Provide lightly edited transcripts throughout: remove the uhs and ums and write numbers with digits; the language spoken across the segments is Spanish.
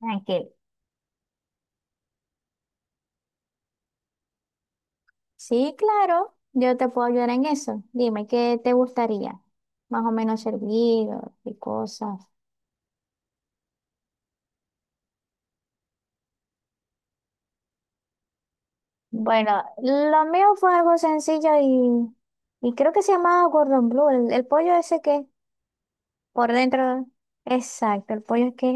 Tranquilo. Sí, claro, yo te puedo ayudar en eso. Dime, ¿qué te gustaría? Más o menos servido y cosas. Bueno, lo mío fue algo sencillo y creo que se llamaba Gordon Blue, el pollo ese que por dentro, exacto, el pollo que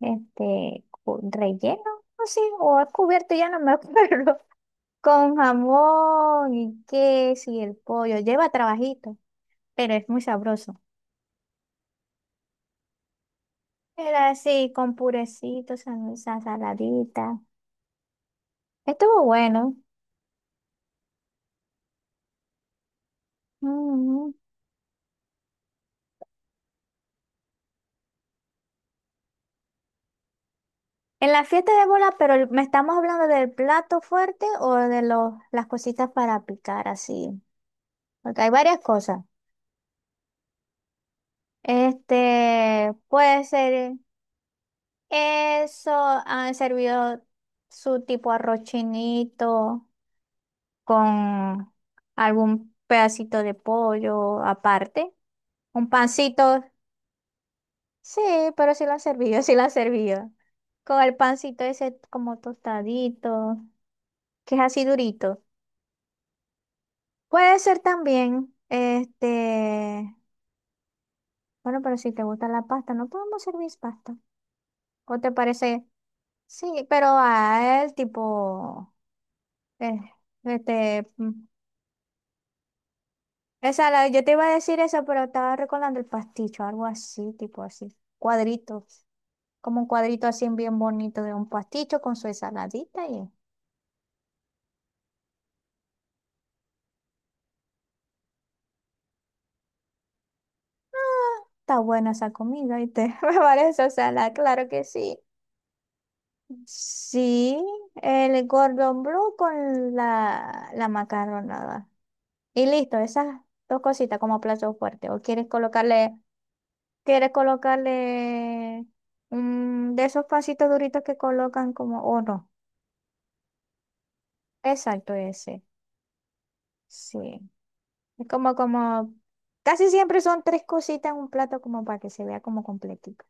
es relleno, no sé, o es cubierto, ya no me acuerdo, con jamón y queso y el pollo, lleva trabajito, pero es muy sabroso. Era así, con purecito, salsa saladita. Estuvo bueno. Ujú. En la fiesta de bola, ¿me estamos hablando del plato fuerte o de las cositas para picar así? Porque hay varias cosas. Este, puede ser eso, han servido su tipo arroz chinito con algún pedacito de pollo aparte, un pancito. Sí, pero sí la han servido, sí la han servido. Con el pancito ese como tostadito, que es así durito. Puede ser también, este, bueno, pero si te gusta la pasta, no podemos servir pasta. ¿O te parece? Sí, pero a él tipo, eh, este, mm, esa, yo te iba a decir eso, pero estaba recordando el pasticho, algo así, tipo así, cuadritos, como un cuadrito así bien bonito de un pasticho con su ensaladita y... Está buena esa comida, y te me parece, o sea, la, claro que sí. Sí, el Gordon Blue con la macarronada. Y listo, esas dos cositas como plato fuerte. ¿Quieres colocarle de esos pancitos duritos que colocan como, o no? Exacto, ese. Sí. Es como casi siempre son tres cositas en un plato como para que se vea como completito.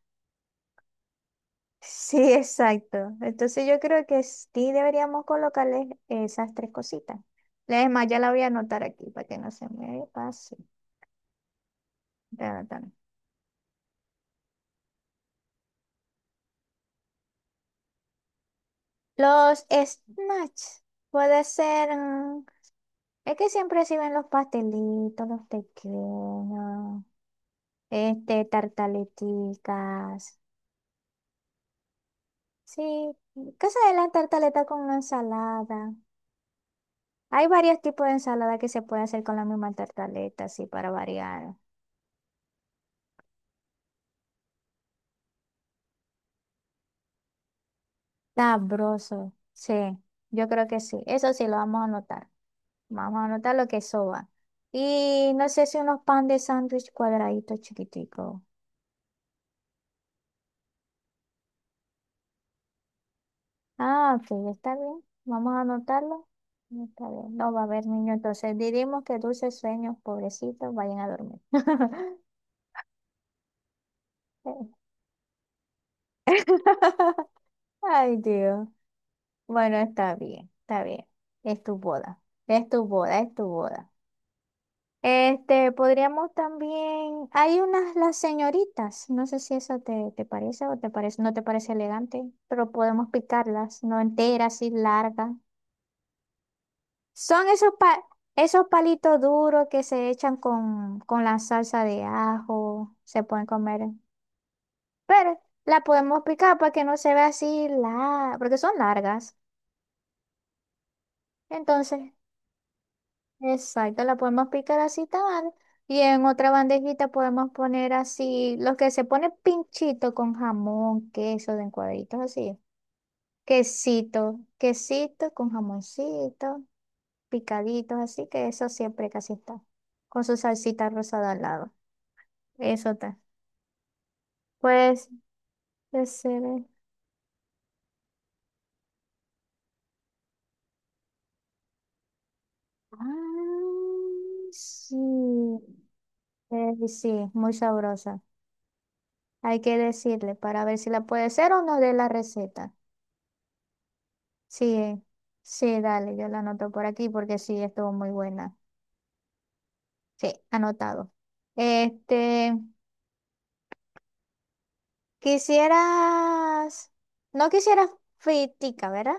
Sí, exacto. Entonces yo creo que sí deberíamos colocarles esas tres cositas. Es más, ya la voy a anotar aquí para que no se me pase. Ta, ta. Los snacks. Puede ser. Es que siempre sirven los pastelitos, los pequeños, este, tartaleticas. Sí, casa de la tartaleta con una ensalada. Hay varios tipos de ensalada que se puede hacer con la misma tartaleta, así para variar. Sabroso, sí, yo creo que sí. Eso sí lo vamos a anotar. Vamos a anotar lo que eso va. Y no sé si unos pan de sándwich cuadraditos chiquiticos. Ah, ok, está bien. Vamos a anotarlo. Está bien. No va a haber niño, entonces diremos que dulces sueños, pobrecitos, vayan a dormir. Ay, Dios. Bueno, está bien, está bien. Es tu boda. Es tu boda, es tu boda. Este, podríamos también, hay unas las señoritas, no sé si eso te parece o te parece, no te parece elegante, pero podemos picarlas, no enteras, sí largas. Son esos palitos duros que se echan con la salsa de ajo, se pueden comer, pero la podemos picar para que no se vea así larga, porque son largas. Entonces, exacto, la podemos picar así tal y en otra bandejita podemos poner así, los que se pone pinchito con jamón, queso, de en cuadritos así, quesito, quesito con jamoncito, picaditos así, que eso siempre casi está, con su salsita rosada al lado, eso está. Pues, ese ah, sí, sí, muy sabrosa, hay que decirle para ver si la puede hacer o no de la receta. Sí, sí, dale, yo la anoto por aquí porque sí, estuvo muy buena. Sí, anotado. Este, quisieras, no quisieras fritica, ¿verdad?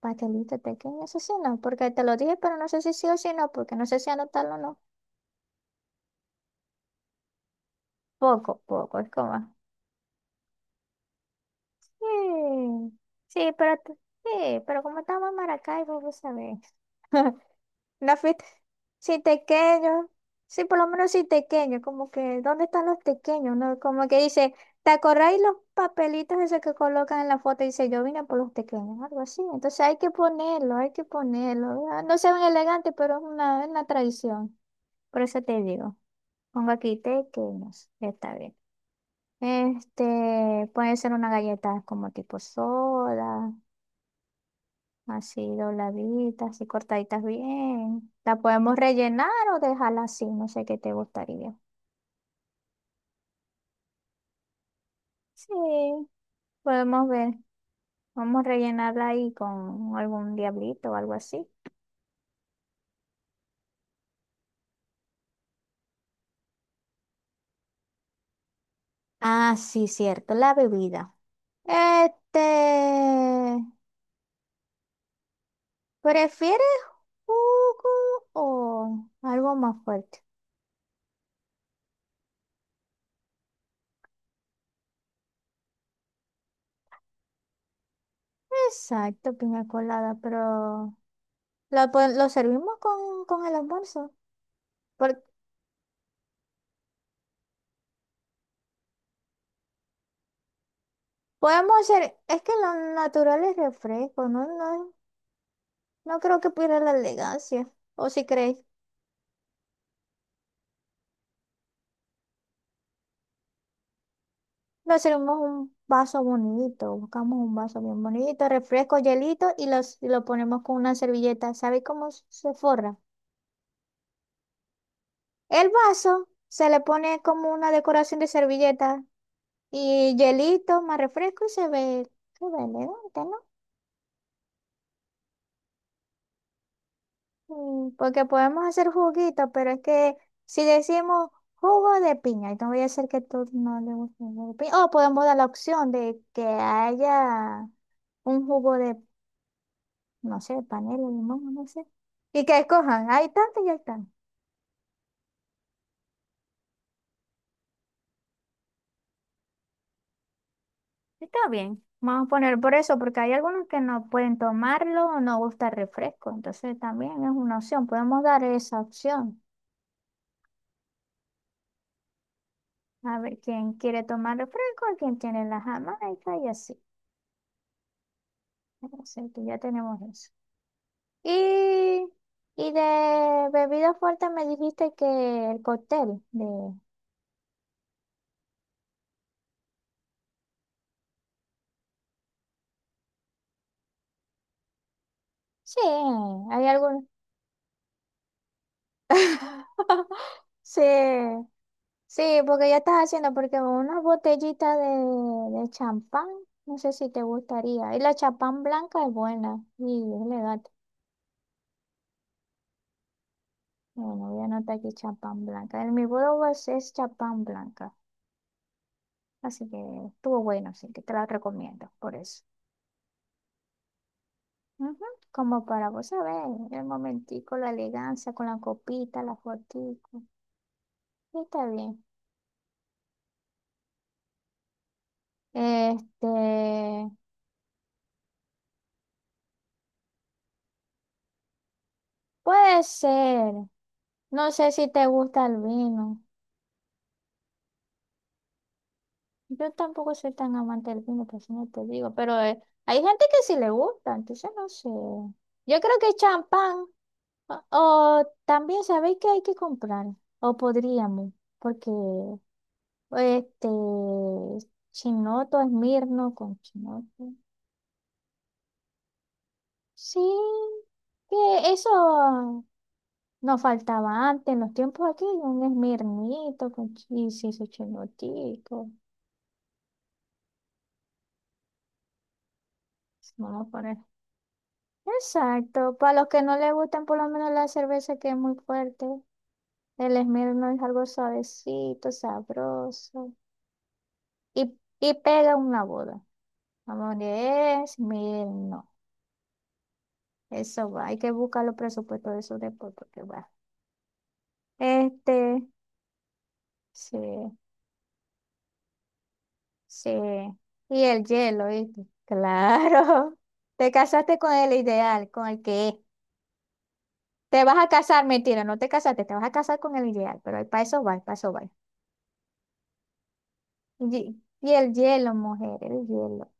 Pastelito pequeño, eso sí, no, porque te lo dije, pero no sé si sí o si no, porque no sé si anotarlo o no. Poco, poco, es como. Sí, sí, pero, sí, pero como estamos en Maracaibo, vos sabés. Una fiesta sin tequeños. Sí, por lo menos sin tequeños. Como que, ¿dónde están los tequeños? ¿No? Como que dice, ¿te acordáis los papelitos esos que colocan en la foto? Y dice, yo vine por los tequeños, algo así. Entonces hay que ponerlo, hay que ponerlo. Ah, no se ven elegantes, pero es es una tradición. Por eso te digo. Pongo aquí tequeños. Está bien. Este, puede ser una galleta como tipo soda. Así dobladitas, así cortaditas bien. La podemos rellenar o dejarla así, no sé qué te gustaría. Sí, podemos ver. Vamos a rellenarla ahí con algún diablito o algo así. Ah, sí, cierto, la bebida. Este, ¿prefieres jugo o algo más fuerte? Exacto, piña colada, pero ¿servimos con el almuerzo? Podemos hacer, es que lo natural es refresco, ¿no? No, no creo que pierda la elegancia. O si crees, lo hacemos un vaso bonito, buscamos un vaso bien bonito, refresco, hielito y, los, y lo ponemos con una servilleta. ¿Sabes cómo se forra? El vaso se le pone como una decoración de servilleta y hielito más refresco y se ve elegante, ¿no? Porque podemos hacer juguito, pero es que si decimos jugo de piña, entonces voy a hacer que tú no le guste el jugo de piña. O podemos dar la opción de que haya un jugo de, no sé, panela, limón, no sé. Y que escojan, hay tanto y hay tanto. Está bien, vamos a poner por eso, porque hay algunos que no pueden tomarlo o no gusta el refresco. Entonces también es una opción, podemos dar esa opción. A ver quién quiere tomar refresco, quién tiene la jamaica y así. Entonces, que ya tenemos eso. Y, y de bebida fuerte me dijiste que el cóctel de... Sí, hay algún... Sí, sí, porque ya estás haciendo, porque una botellita de champán, no sé si te gustaría. Y la champán blanca es buena y es elegante. Bueno, voy a anotar aquí champán blanca. En mi boda es champán blanca, así que estuvo bueno, así que te la recomiendo por eso. Ujú, como para vos saber el momentico, la elegancia con la copita, la fotico. Sí, está bien. Este, puede ser. No sé si te gusta el vino. Yo tampoco soy tan amante del vino, por eso no te digo. Pero hay gente que sí le gusta, entonces no sé. Yo creo que champán. O también sabéis que hay que comprar. O podríamos, porque este chinoto, mirno con chinoto. Sí, que eso nos faltaba antes, en los tiempos aquí, un esmirnito con chisis, su chenotico. Vamos a poner. Exacto, para los que no les gustan por lo menos la cerveza que es muy fuerte, el esmirno es algo suavecito, sabroso y pega una boda. Vamos de esmirno. Eso va, hay que buscar los presupuestos de esos después porque va. Este, sí. Sí, y el hielo, ¿viste? Claro, te casaste con el ideal, con el que es. Te vas a casar, mentira, no te casaste, te vas a casar con el ideal, pero para eso va, para eso va. Y el hielo, mujer, el hielo.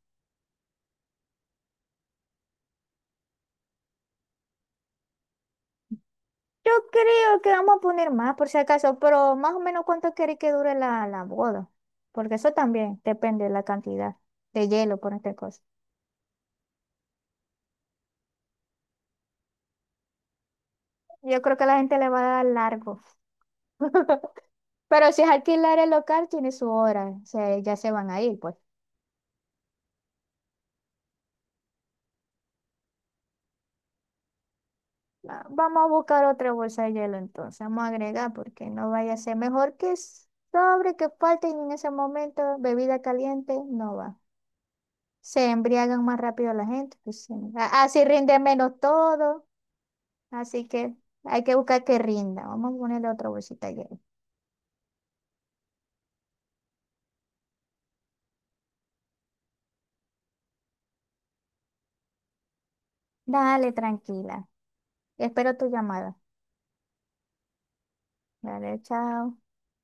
Yo creo que vamos a poner más por si acaso, pero más o menos cuánto queréis que dure la boda, porque eso también depende de la cantidad de hielo por esta cosa. Yo creo que la gente le va a dar largo, pero si es alquilar el local, tiene su hora, o sea, ya se van a ir, pues. Ah, vamos a buscar otra bolsa de hielo entonces, vamos a agregar porque no vaya a ser mejor que sobre que falte y en ese momento bebida caliente no va. Se embriagan más rápido la gente, pues, sí. Así rinde menos todo, así que hay que buscar que rinda. Vamos a ponerle otra bolsita de hielo. Dale, tranquila. Espero tu llamada. Dale, chao.